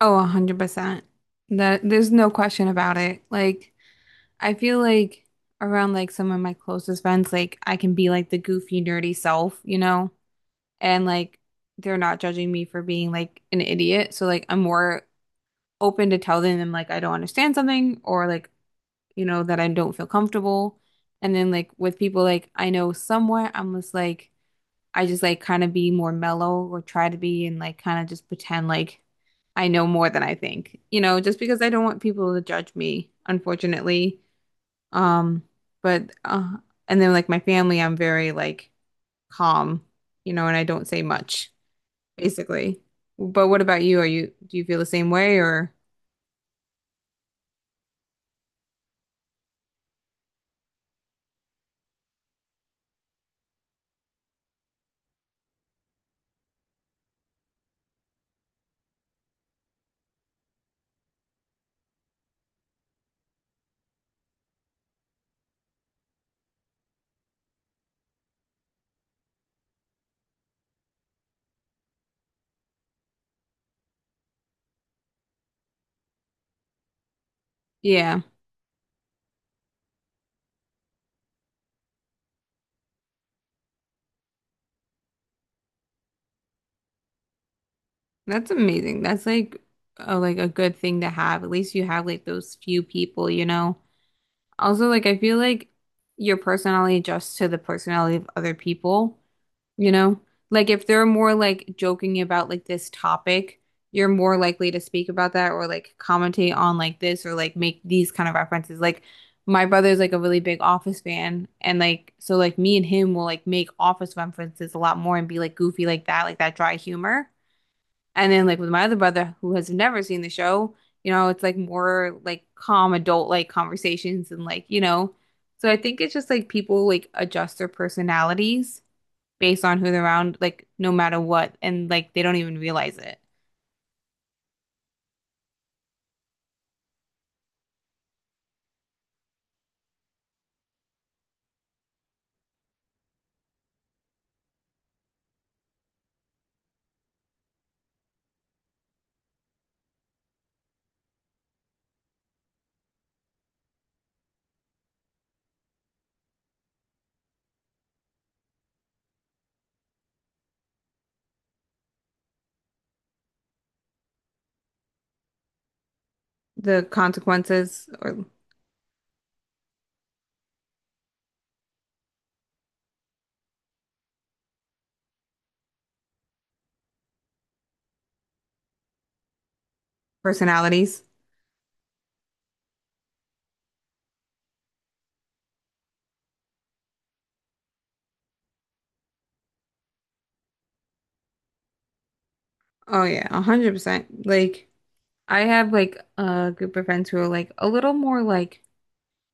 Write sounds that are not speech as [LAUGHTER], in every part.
Oh, 100%. That there's no question about it. Like I feel like around like some of my closest friends, like I can be like the goofy nerdy self, you know? And like they're not judging me for being like an idiot. So like I'm more open to telling them like I don't understand something or like, you know, that I don't feel comfortable. And then like with people like I know somewhat, I just like kind of be more mellow or try to be and like kind of just pretend like I know more than I think, you know, just because I don't want people to judge me, unfortunately. Um, but And then like my family, I'm very like calm, you know, and I don't say much, basically. But what about you? Are you do you feel the same way or yeah, that's amazing. That's like like a good thing to have. At least you have like those few people, you know. Also, like I feel like your personality adjusts to the personality of other people, you know? Like if they're more like joking about like this topic, you're more likely to speak about that or like commentate on like this or like make these kind of references. Like my brother's like a really big Office fan and like so like me and him will like make Office references a lot more and be like goofy like that dry humor. And then like with my other brother who has never seen the show, you know, it's like more like calm adult like conversations and like, you know. So I think it's just like people like adjust their personalities based on who they're around, like no matter what, and like they don't even realize it. The consequences or personalities. Oh yeah, 100%. Like I have like a group of friends who are like a little more like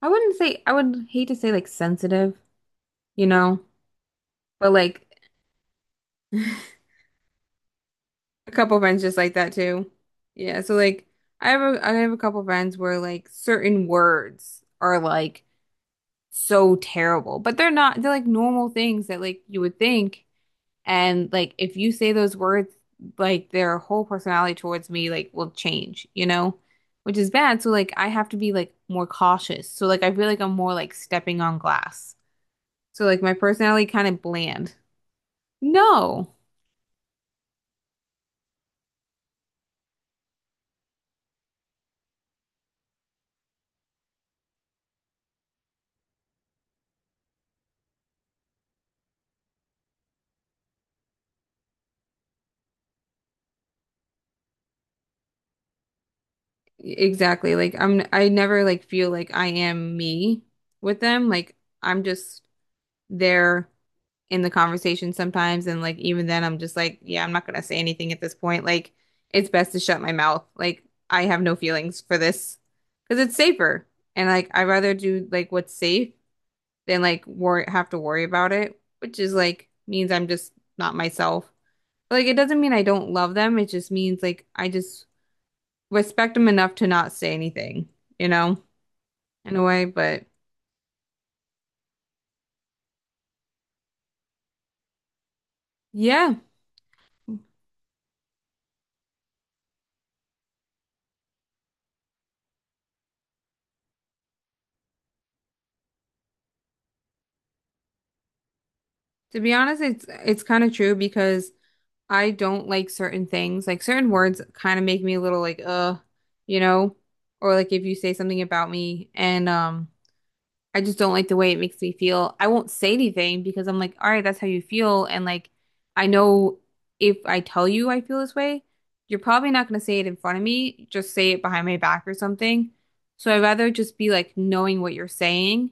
I wouldn't say I would hate to say like sensitive, you know, but like a couple friends just like that too. Yeah, so like I have a couple friends where like certain words are like so terrible, but they're not they're like normal things that like you would think and like if you say those words like their whole personality towards me like will change, you know? Which is bad, so like I have to be like more cautious. So like I feel like I'm more like stepping on glass. So like my personality kind of bland. No. Exactly. Like I never like feel like I am me with them. Like I'm just there in the conversation sometimes and like even then I'm just like, yeah, I'm not gonna say anything at this point. Like it's best to shut my mouth. Like I have no feelings for this because it's safer. And like I'd rather do like what's safe than like worry have to worry about it, which is like means I'm just not myself. But, like it doesn't mean I don't love them. It just means like I just respect them enough to not say anything you know? In a way, but yeah, to be honest, it's kind of true because I don't like certain things. Like certain words kind of make me a little like you know, or like if you say something about me and I just don't like the way it makes me feel. I won't say anything because I'm like, all right, that's how you feel and like I know if I tell you I feel this way, you're probably not going to say it in front of me, just say it behind my back or something. So I'd rather just be like knowing what you're saying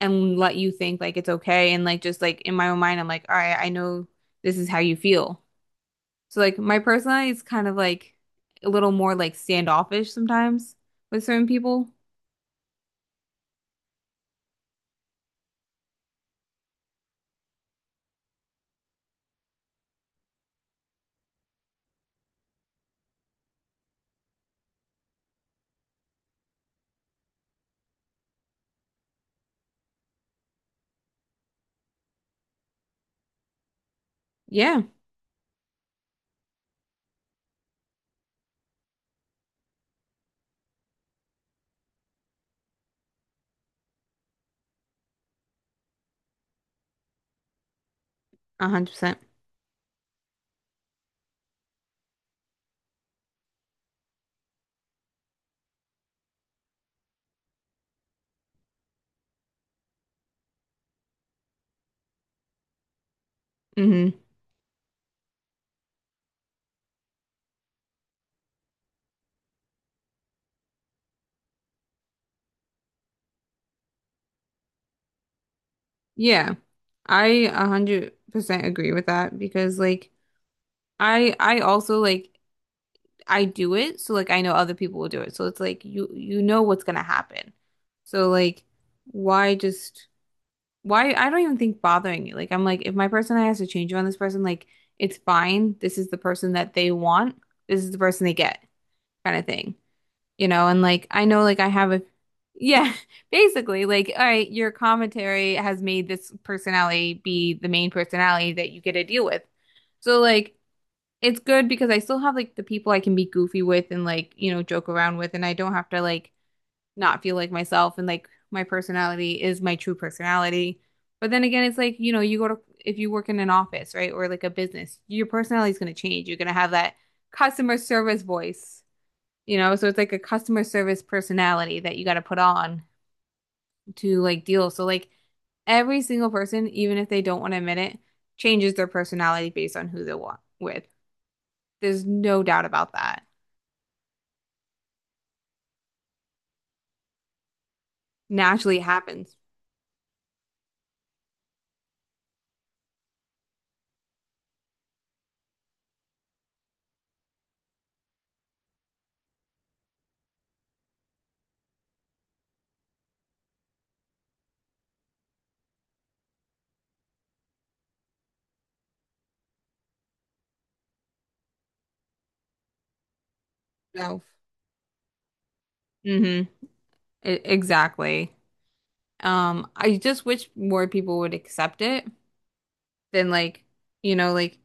and let you think like it's okay and like just like in my own mind I'm like all right I know this is how you feel so like my personality is kind of like a little more like standoffish sometimes with certain people yeah 100% percent hmm yeah I 100% agree with that because like I also like I do it so like I know other people will do it so it's like you know what's gonna happen so like why just why? I don't even think bothering you. Like, I'm like, if my person has to change on this person, like, it's fine. This is the person that they want. This is the person they get, kind of thing. You know, and like, I know, like, I have a, yeah, [LAUGHS] basically, like, all right, your commentary has made this personality be the main personality that you get to deal with. So, like, it's good because I still have, like, the people I can be goofy with and, like, you know, joke around with, and I don't have to, like, not feel like myself and like my personality is my true personality. But then again, it's like, you know, you go to, if you work in an office, right, or like a business, your personality is going to change. You're going to have that customer service voice, you know? So it's like a customer service personality that you got to put on to like deal. So, like, every single person, even if they don't want to admit it, changes their personality based on who they're wa- with. There's no doubt about that. Naturally, it happens. No. Mm-hmm. E-, exactly. I just wish more people would accept it than like, you know, like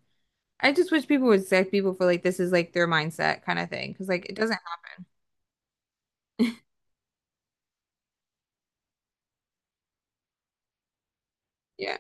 I just wish people would accept people for like this is like their mindset kind of thing. Because like it doesn't help. Yeah.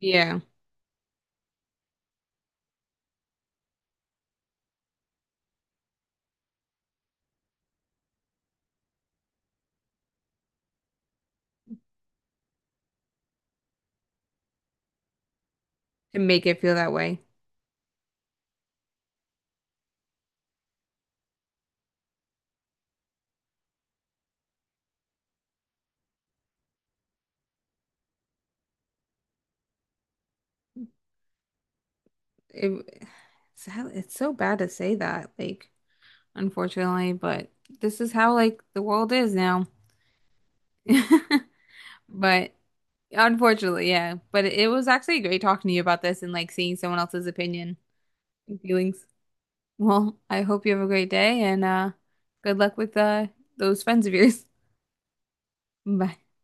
Yeah. To make it feel that way. It, it's, how- it's so bad to say that, like, unfortunately, but this is how like the world is now. [LAUGHS] But unfortunately, yeah. But it was actually great talking to you about this and like seeing someone else's opinion and feelings. Well, I hope you have a great day and good luck with those friends of yours. [LAUGHS] Bye.